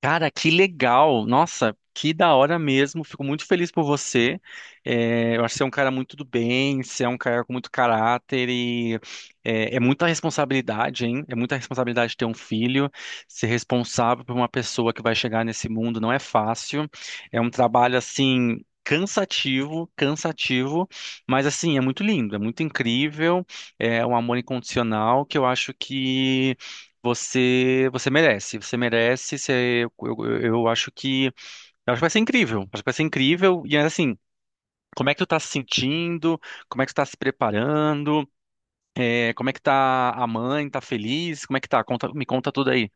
Cara, que legal! Nossa, que da hora mesmo. Fico muito feliz por você. Eu acho que você é um cara muito do bem, você é um cara com muito caráter e muita responsabilidade, hein? É muita responsabilidade ter um filho, ser responsável por uma pessoa que vai chegar nesse mundo não é fácil. É um trabalho assim. Cansativo, cansativo, mas assim, é muito lindo, é muito incrível, é um amor incondicional que eu acho que você merece, você merece. Você, eu acho que, eu acho que vai ser incrível. Acho que vai ser incrível. E assim, como é que tu tá se sentindo? Como é que tu tá se preparando? Como é que tá a mãe? Tá feliz? Como é que tá? Me conta tudo aí.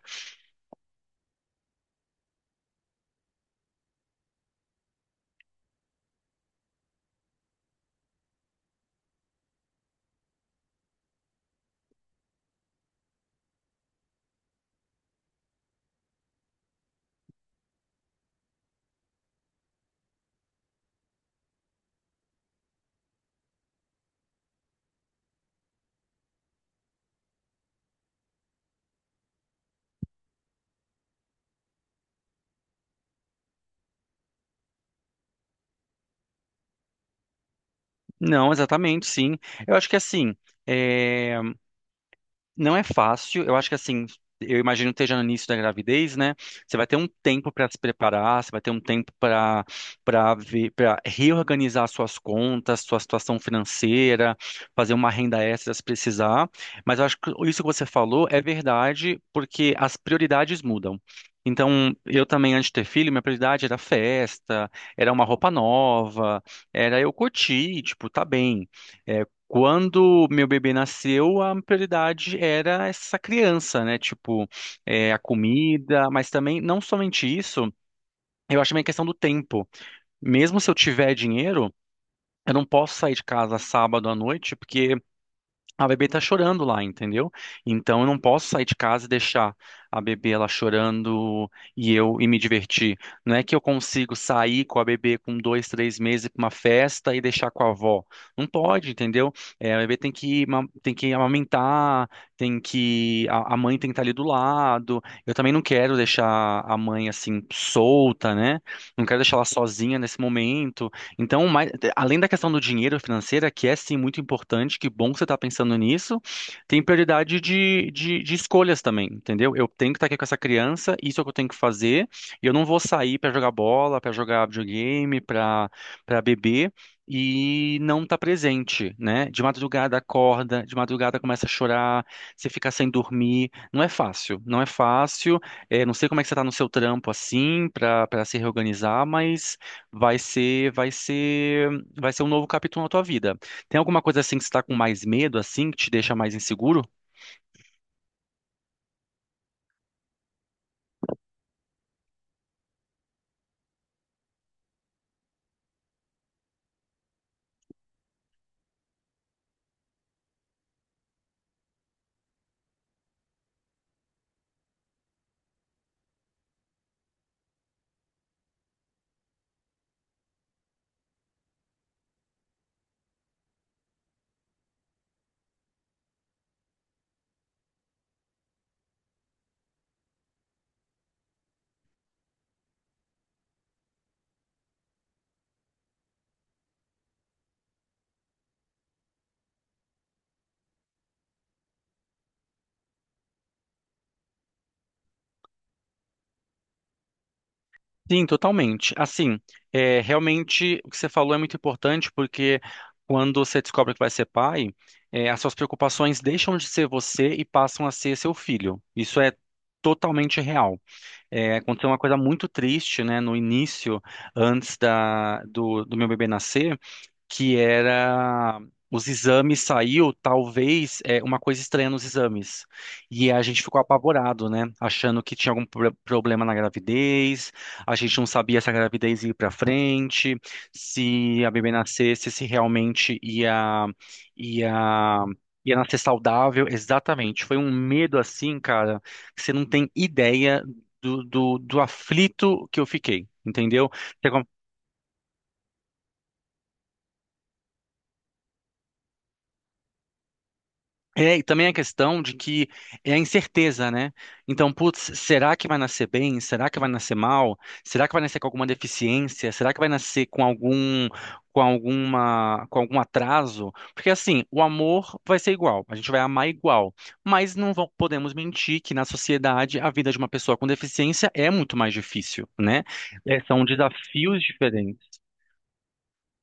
Não, exatamente, sim. Eu acho que assim, é, não é fácil, eu acho que assim, eu imagino que esteja no início da gravidez, né? Você vai ter um tempo para se preparar, você vai ter um tempo para ver, para reorganizar suas contas, sua situação financeira, fazer uma renda extra se precisar. Mas eu acho que isso que você falou é verdade, porque as prioridades mudam. Então, eu também, antes de ter filho, minha prioridade era festa, era uma roupa nova, era eu curtir, tipo, tá bem. É, quando meu bebê nasceu, a prioridade era essa criança, né? Tipo, a comida, mas também, não somente isso, eu acho também a questão do tempo. Mesmo se eu tiver dinheiro, eu não posso sair de casa sábado à noite, porque a bebê tá chorando lá, entendeu? Então eu não posso sair de casa e deixar a bebê ela chorando e eu e me divertir. Não é que eu consigo sair com a bebê com dois, três meses para uma festa e deixar com a avó. Não pode, entendeu? É, a bebê tem que amamentar, tem que a mãe tem que estar ali do lado. Eu também não quero deixar a mãe assim solta, né? Não quero deixar ela sozinha nesse momento. Então, além da questão do dinheiro financeira, que é sim muito importante, que bom que você está pensando nisso, tem prioridade de escolhas também, entendeu? Eu tenho que estar aqui com essa criança, isso é o que eu tenho que fazer, e eu não vou sair para jogar bola, para jogar videogame, para beber. E não tá presente, né? De madrugada acorda, de madrugada começa a chorar, você fica sem dormir. Não é fácil, não é fácil. Não sei como é que você tá no seu trampo assim, para se reorganizar, mas vai ser, vai ser, vai ser um novo capítulo na tua vida. Tem alguma coisa assim que você está com mais medo, assim, que te deixa mais inseguro? Sim, totalmente. Assim, realmente o que você falou é muito importante porque quando você descobre que vai ser pai, as suas preocupações deixam de ser você e passam a ser seu filho. Isso é totalmente real. Aconteceu uma coisa muito triste, né, no início, antes do meu bebê nascer. Que era os exames saiu, talvez, uma coisa estranha nos exames. E a gente ficou apavorado, né? Achando que tinha problema na gravidez, a gente não sabia se a gravidez ia para frente, se a bebê nascesse, se realmente ia, ia nascer saudável. Exatamente. Foi um medo assim, cara, que você não tem ideia do aflito que eu fiquei. Entendeu? Você é, e também a questão de que é a incerteza, né? Então, putz, será que vai nascer bem? Será que vai nascer mal? Será que vai nascer com alguma deficiência? Será que vai nascer com alguma, com algum atraso? Porque assim, o amor vai ser igual, a gente vai amar igual, mas não vão- podemos mentir que na sociedade a vida de uma pessoa com deficiência é muito mais difícil, né? É, são desafios diferentes.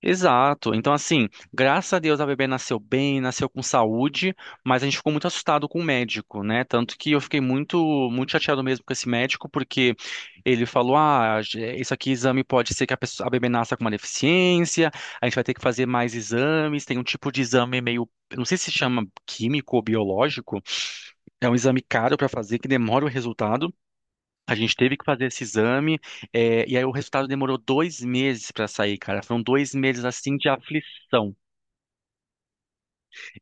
Exato. Então, assim, graças a Deus a bebê nasceu bem, nasceu com saúde, mas a gente ficou muito assustado com o médico, né? Tanto que eu fiquei muito, muito chateado mesmo com esse médico, porque ele falou: ah, isso aqui, exame pode ser que a pessoa, a bebê nasça com uma deficiência, a gente vai ter que fazer mais exames. Tem um tipo de exame meio, eu não sei se chama químico ou biológico, é um exame caro para fazer, que demora o resultado. A gente teve que fazer esse exame, e aí o resultado demorou dois meses para sair, cara. Foram dois meses assim de aflição.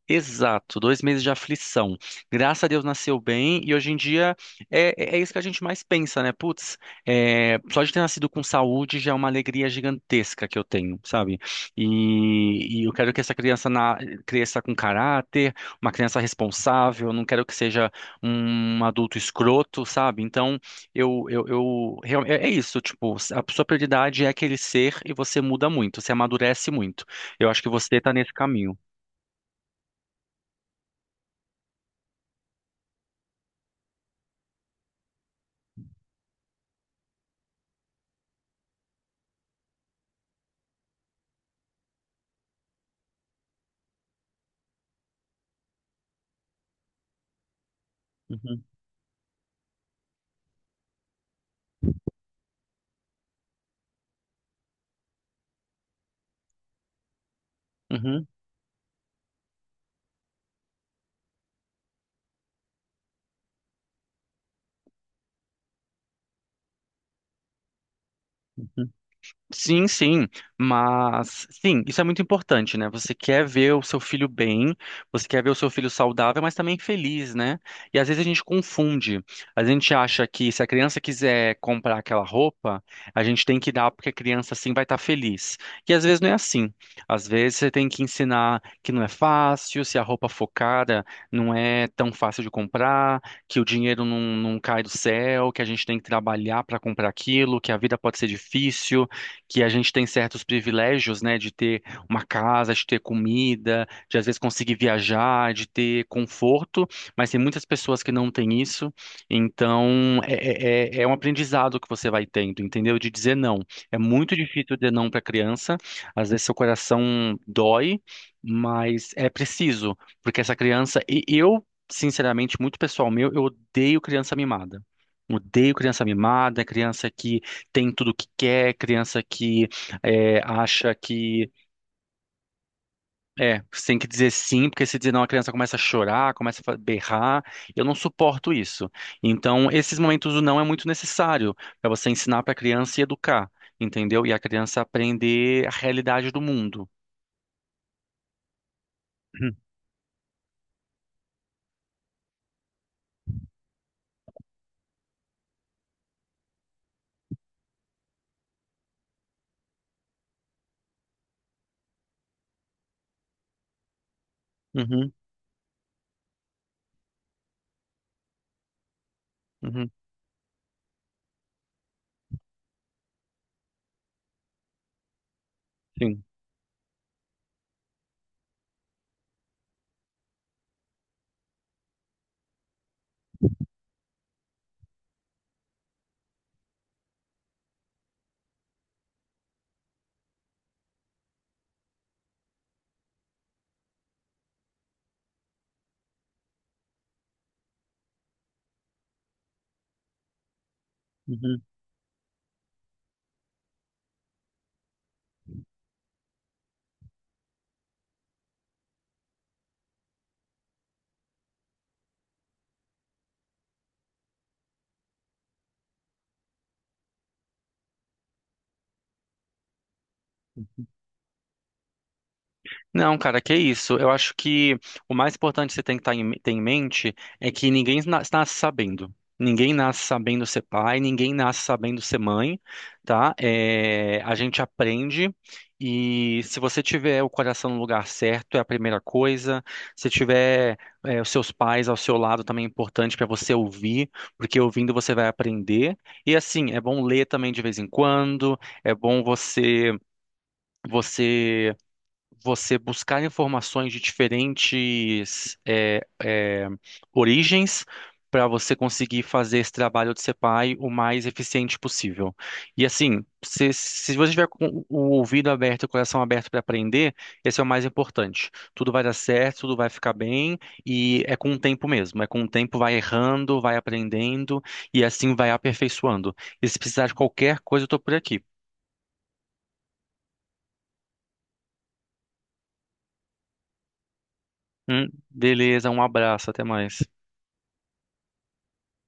Exato, dois meses de aflição. Graças a Deus nasceu bem e hoje em dia é isso que a gente mais pensa, né? Putz, só de ter nascido com saúde já é uma alegria gigantesca que eu tenho, sabe? E eu quero que cresça com caráter, uma criança responsável, eu não quero que seja um adulto escroto, sabe? Então, eu isso, tipo, a sua prioridade é aquele ser e você muda muito, você amadurece muito. Eu acho que você tá nesse caminho. Uhum. Uhum. Uhum. Sim, sim, mas sim, isso é muito importante, né? Você quer ver o seu filho bem, você quer ver o seu filho saudável, mas também feliz, né? E às vezes a gente confunde. A gente acha que se a criança quiser comprar aquela roupa, a gente tem que dar porque a criança assim vai estar feliz. E às vezes não é assim. Às vezes você tem que ensinar que não é fácil, se a roupa for cara não é tão fácil de comprar, que o dinheiro não cai do céu, que a gente tem que trabalhar para comprar aquilo, que a vida pode ser difícil que a gente tem certos privilégios, né, de ter uma casa, de ter comida, de às vezes conseguir viajar, de ter conforto, mas tem muitas pessoas que não têm isso. Então, é um aprendizado que você vai tendo, entendeu? De dizer não. É muito difícil dizer não para criança. Às vezes seu coração dói, mas é preciso, porque essa criança, e eu, sinceramente, muito pessoal meu, eu odeio criança mimada. Odeio criança mimada, criança que tem tudo o que quer, criança que acha que. É, você tem que dizer sim, porque se dizer não, a criança começa a chorar, berrar. Eu não suporto isso. Então, esses momentos do não é muito necessário para você ensinar para a criança e educar, entendeu? E a criança aprender a realidade do mundo. Uhum, uhum, uhum, sim. Uhum. Não, cara, que isso. Eu acho que o mais importante que você tem que tá em- ter em mente é que nasce sabendo. Ninguém nasce sabendo ser pai, ninguém nasce sabendo ser mãe, tá? A gente aprende e se você tiver o coração no lugar certo, é a primeira coisa. Se tiver os seus pais ao seu lado também é importante para você ouvir, porque ouvindo você vai aprender. E assim, é bom ler também de vez em quando, é bom você você buscar informações de diferentes origens para você conseguir fazer esse trabalho de CPAI o mais eficiente possível. E assim, se você tiver com o ouvido aberto e o coração aberto para aprender, esse é o mais importante. Tudo vai dar certo, tudo vai ficar bem, e é com o tempo mesmo. É com o tempo, vai errando, vai aprendendo, e assim vai aperfeiçoando. E se precisar de qualquer coisa, eu estou por aqui. Beleza, um abraço, até mais.